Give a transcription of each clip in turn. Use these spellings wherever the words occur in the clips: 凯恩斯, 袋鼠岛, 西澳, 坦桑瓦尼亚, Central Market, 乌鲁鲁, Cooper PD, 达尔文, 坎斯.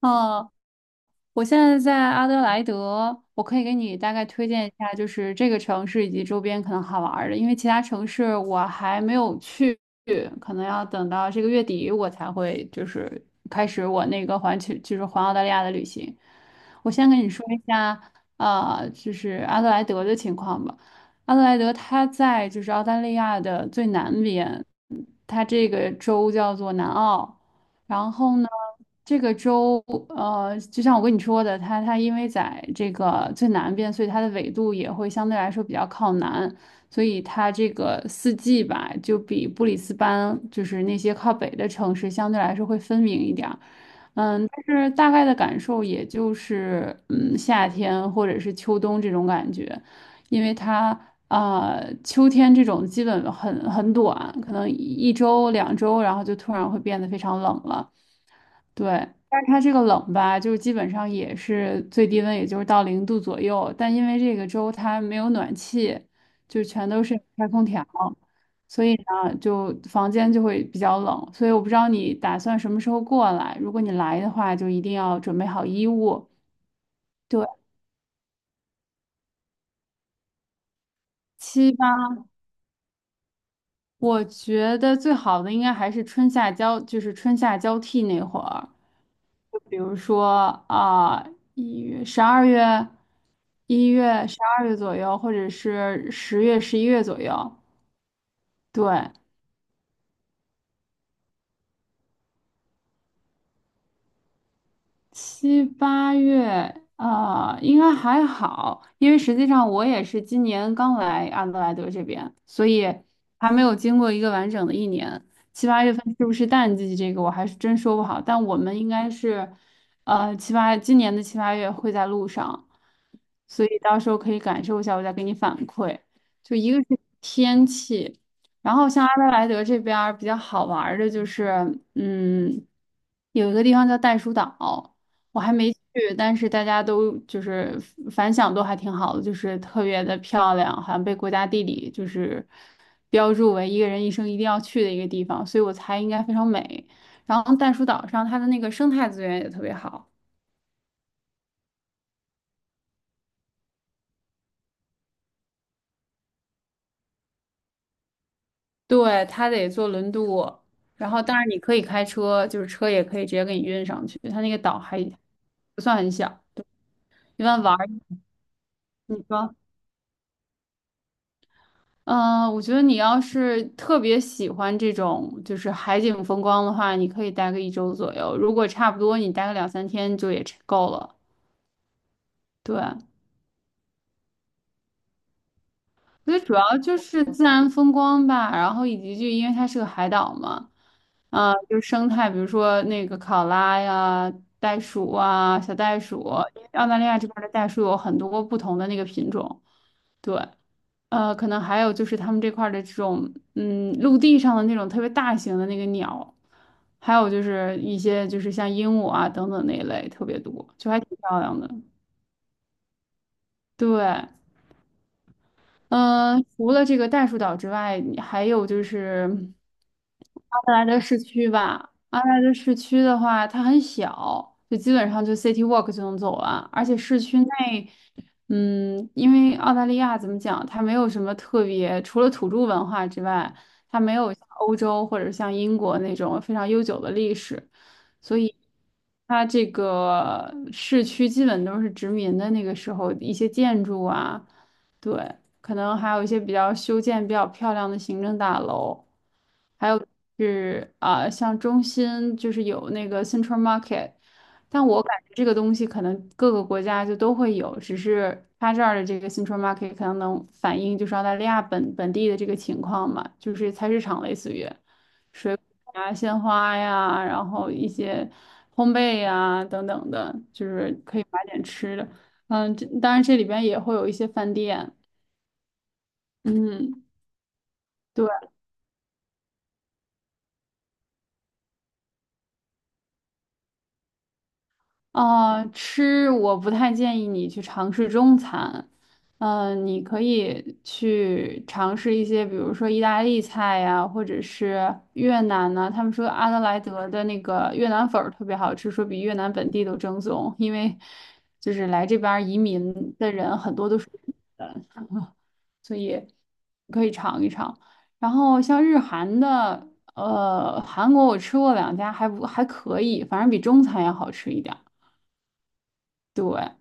哦，我现在在阿德莱德，我可以给你大概推荐一下，就是这个城市以及周边可能好玩儿的，因为其他城市我还没有去，可能要等到这个月底我才会就是开始我那个环球，就是环澳大利亚的旅行。我先跟你说一下，就是阿德莱德的情况吧。阿德莱德它在就是澳大利亚的最南边，它这个州叫做南澳。然后呢，这个州，就像我跟你说的，它因为在这个最南边，所以它的纬度也会相对来说比较靠南，所以它这个四季吧，就比布里斯班就是那些靠北的城市相对来说会分明一点儿。嗯，但是大概的感受也就是，夏天或者是秋冬这种感觉，因为它啊，秋天这种基本很短，可能一周两周，然后就突然会变得非常冷了。对，但是它这个冷吧，就是基本上也是最低温，也就是到零度左右。但因为这个州它没有暖气，就全都是开空调，所以呢，就房间就会比较冷。所以我不知道你打算什么时候过来，如果你来的话，就一定要准备好衣物。对。七八我觉得最好的应该还是春夏交，就是春夏交替那会儿，就比如说啊，一月、十二月、一月、十二月左右，或者是10月、11月左右。对，七八月啊，应该还好，因为实际上我也是今年刚来阿德莱德这边，所以还没有经过一个完整的一年。七八月份是不是淡季？这个我还是真说不好，但我们应该是，今年的七八月会在路上，所以到时候可以感受一下，我再给你反馈。就一个是天气，然后像阿德莱德这边儿比较好玩儿的就是，有一个地方叫袋鼠岛。我还没去，但是大家都就是反响都还挺好的，就是特别的漂亮，好像被国家地理就是标注为一个人一生一定要去的一个地方，所以我猜应该非常美。然后袋鼠岛上它的那个生态资源也特别好，对，它得坐轮渡，然后当然你可以开车，就是车也可以直接给你运上去，它那个岛还不算很小，一般玩儿你说。我觉得你要是特别喜欢这种就是海景风光的话，你可以待个一周左右。如果差不多，你待个两三天就也差够了。对，我觉得主要就是自然风光吧，然后以及就因为它是个海岛嘛，啊、就是生态，比如说那个考拉呀、袋鼠啊、小袋鼠，因为澳大利亚这边的袋鼠有很多不同的那个品种，可能还有就是他们这块儿的这种，陆地上的那种特别大型的那个鸟，还有就是一些就是像鹦鹉啊等等那一类特别多，就还挺漂亮的。对，嗯、除了这个袋鼠岛之外，还有就是阿德莱德市区吧。阿德莱德市区的话，它很小，就基本上就 City Walk 就能走完，而且市区内，因为澳大利亚怎么讲，它没有什么特别，除了土著文化之外，它没有像欧洲或者像英国那种非常悠久的历史，所以。它这个市区基本都是殖民的那个时候一些建筑啊，对，可能还有一些比较修建比较漂亮的行政大楼，还有是啊、像中心就是有那个 Central Market,但我感觉这个东西可能各个国家就都会有，只是它这儿的这个 Central Market 可能能反映就是澳大利亚本地的这个情况嘛，就是菜市场类似于啊鲜花呀，然后一些烘焙呀等等的，就是可以买点吃的。这当然这里边也会有一些饭店，嗯。对。啊，吃我不太建议你去尝试中餐，你可以去尝试一些，比如说意大利菜呀，或者是越南呐、他们说阿德莱德的那个越南粉儿特别好吃，说比越南本地都正宗，因为就是来这边儿移民的人很多都是越南人，所以可以尝一尝。然后像日韩的，韩国我吃过两家，还不还可以，反正比中餐要好吃一点儿。对。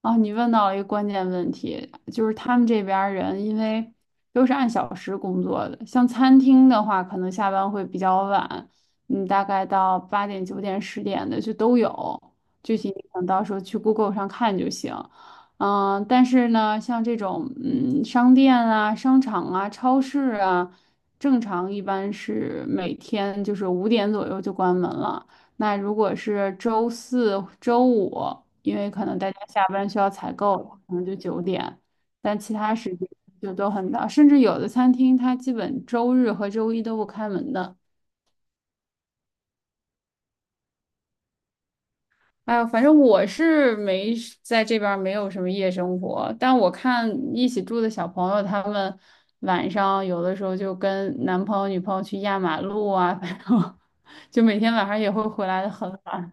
啊，你问到了一个关键问题，就是他们这边儿人因为都是按小时工作的，像餐厅的话，可能下班会比较晚，大概到8点、九点、10点的就都有，具体你等到时候去 Google 上看就行。但是呢，像这种商店啊、商场啊、超市啊，正常一般是每天就是5点左右就关门了。那如果是周四、周五，因为可能大家下班需要采购，可能就九点，但其他时间就都很早，甚至有的餐厅它基本周日和周一都不开门的。哎呦，反正我是没在这边儿没有什么夜生活，但我看一起住的小朋友他们晚上有的时候就跟男朋友、女朋友去压马路啊，反正 就每天晚上也会回来的很晚。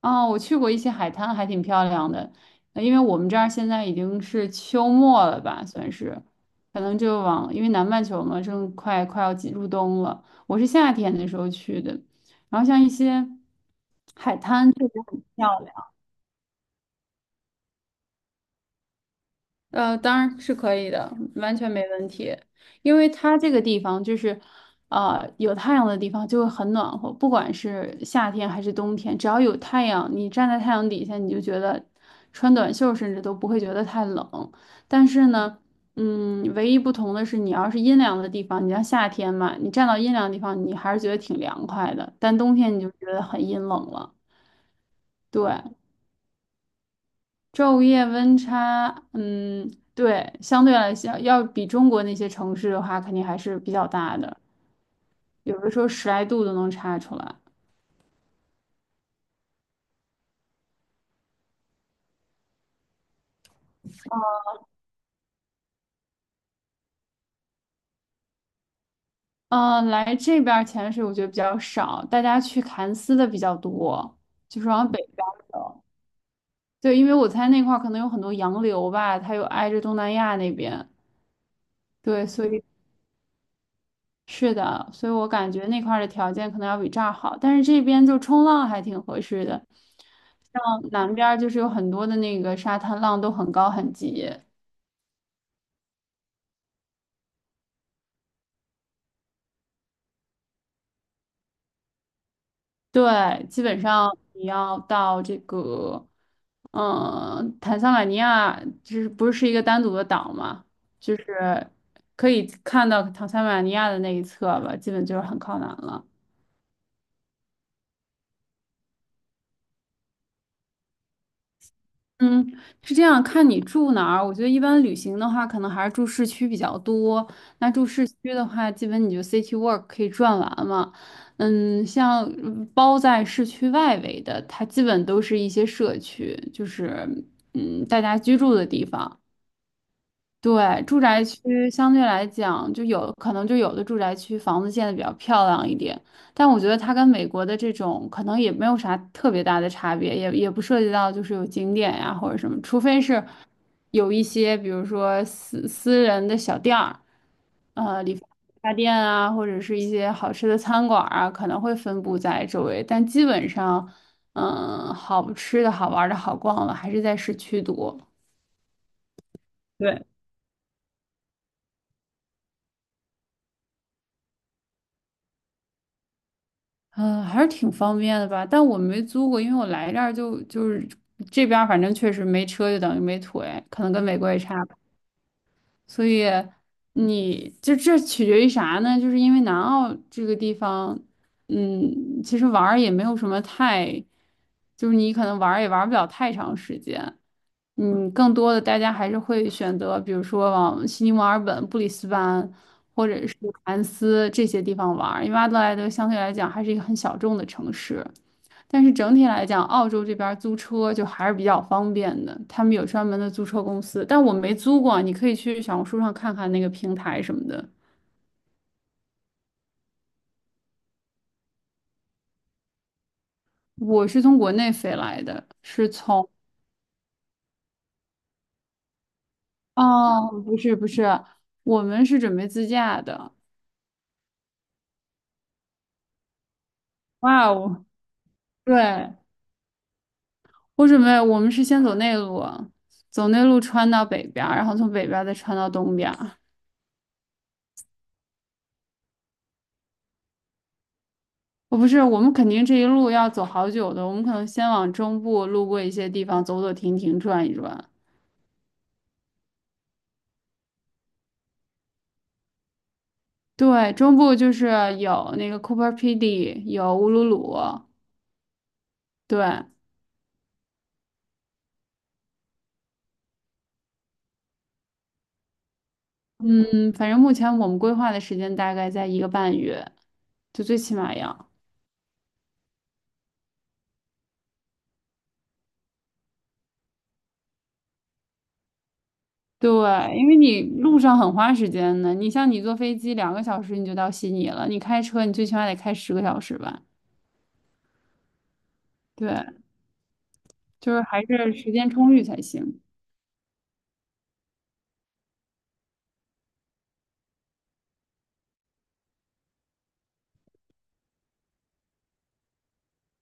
哦，我去过一些海滩，还挺漂亮的。因为我们这儿现在已经是秋末了吧，算是，可能就往，因为南半球嘛，正快要进入冬了。我是夏天的时候去的，然后像一些。像当然是可以的，完全没问题。因为它这个地方就是，有太阳的地方就会很暖和，不管是夏天还是冬天，只要有太阳，你站在太阳底下，你就觉得穿短袖甚至都不会觉得太冷。但是呢，唯一不同的是，你要是阴凉的地方，你像夏天嘛，你站到阴凉的地方，你还是觉得挺凉快的，但冬天你就觉得很阴冷了。对，昼夜温差，嗯，对，相对来讲，要比中国那些城市的话，肯定还是比较大的，有的时候十来度都能差出来。嗯、来这边儿潜水我觉得比较少，大家去坎斯的比较多，就是往北边儿走。对，因为我猜那块儿可能有很多洋流吧，它又挨着东南亚那边，对，所以是的，所以我感觉那块儿的条件可能要比这儿好，但是这边就冲浪还挺合适的。像南边儿就是有很多的那个沙滩浪都很高很急，对，基本上你要到这个，坦桑瓦尼亚就是不是一个单独的岛嘛，就是可以看到坦桑瓦尼亚的那一侧吧，基本就是很靠南了。嗯，是这样，看你住哪儿。我觉得一般旅行的话，可能还是住市区比较多。那住市区的话，基本你就 city walk 可以转完嘛。像包在市区外围的，它基本都是一些社区，就是大家居住的地方。对，住宅区相对来讲，就有可能就有的住宅区房子建的比较漂亮一点，但我觉得它跟美国的这种可能也没有啥特别大的差别，也不涉及到就是有景点呀或者什么，除非是有一些比如说私人的小店儿，理发店啊，或者是一些好吃的餐馆儿啊，可能会分布在周围，但基本上，好吃的好玩儿的好逛的还是在市区多。对，嗯，还是挺方便的吧，但我没租过，因为我来这儿就是这边，反正确实没车就等于没腿，可能跟美国也差。所以你就这取决于啥呢？就是因为南澳这个地方，其实玩儿也没有什么太，就是你可能玩儿也玩儿不了太长时间。更多的大家还是会选择，比如说往悉尼、墨尔本、布里斯班或者是凯恩斯这些地方玩儿，因为阿德莱德相对来讲还是一个很小众的城市。但是整体来讲，澳洲这边儿租车就还是比较方便的，他们有专门的租车公司，但我没租过，你可以去小红书上看看那个平台什么的。我是从国内飞来的，是从，哦，不是不是，我们是准备自驾的。哇哦，对，我准备，我们是先走内陆，走内陆穿到北边儿，然后从北边儿再穿到东边儿。我不是，我们肯定这一路要走好久的，我们可能先往中部路过一些地方，走走停停，转一转。对，中部就是有那个 Cooper PD，有乌鲁鲁，对，嗯，反正目前我们规划的时间大概在1个半月，就最起码要。对，因为你路上很花时间的，你像你坐飞机2个小时你就到悉尼了，你开车你最起码得开10个小时吧？对，就是还是时间充裕才行。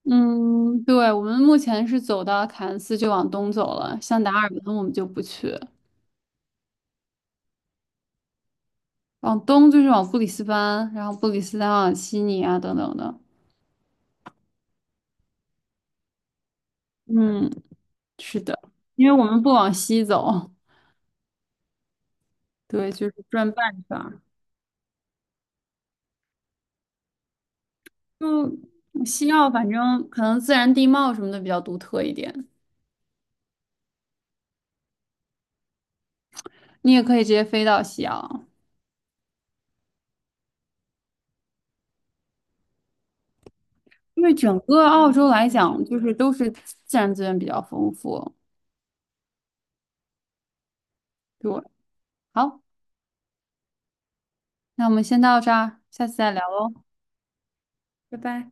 嗯，对，我们目前是走到凯恩斯就往东走了，像达尔文我们就不去。往东就是往布里斯班，然后布里斯班往悉尼啊等等的。嗯，是的，因为我们不往西走，对，就是转半圈儿。就西澳，反正可能自然地貌什么的比较独特一点。你也可以直接飞到西澳，因为整个澳洲来讲，就是都是自然资源比较丰富。对，好，那我们先到这儿，下次再聊喽，拜拜。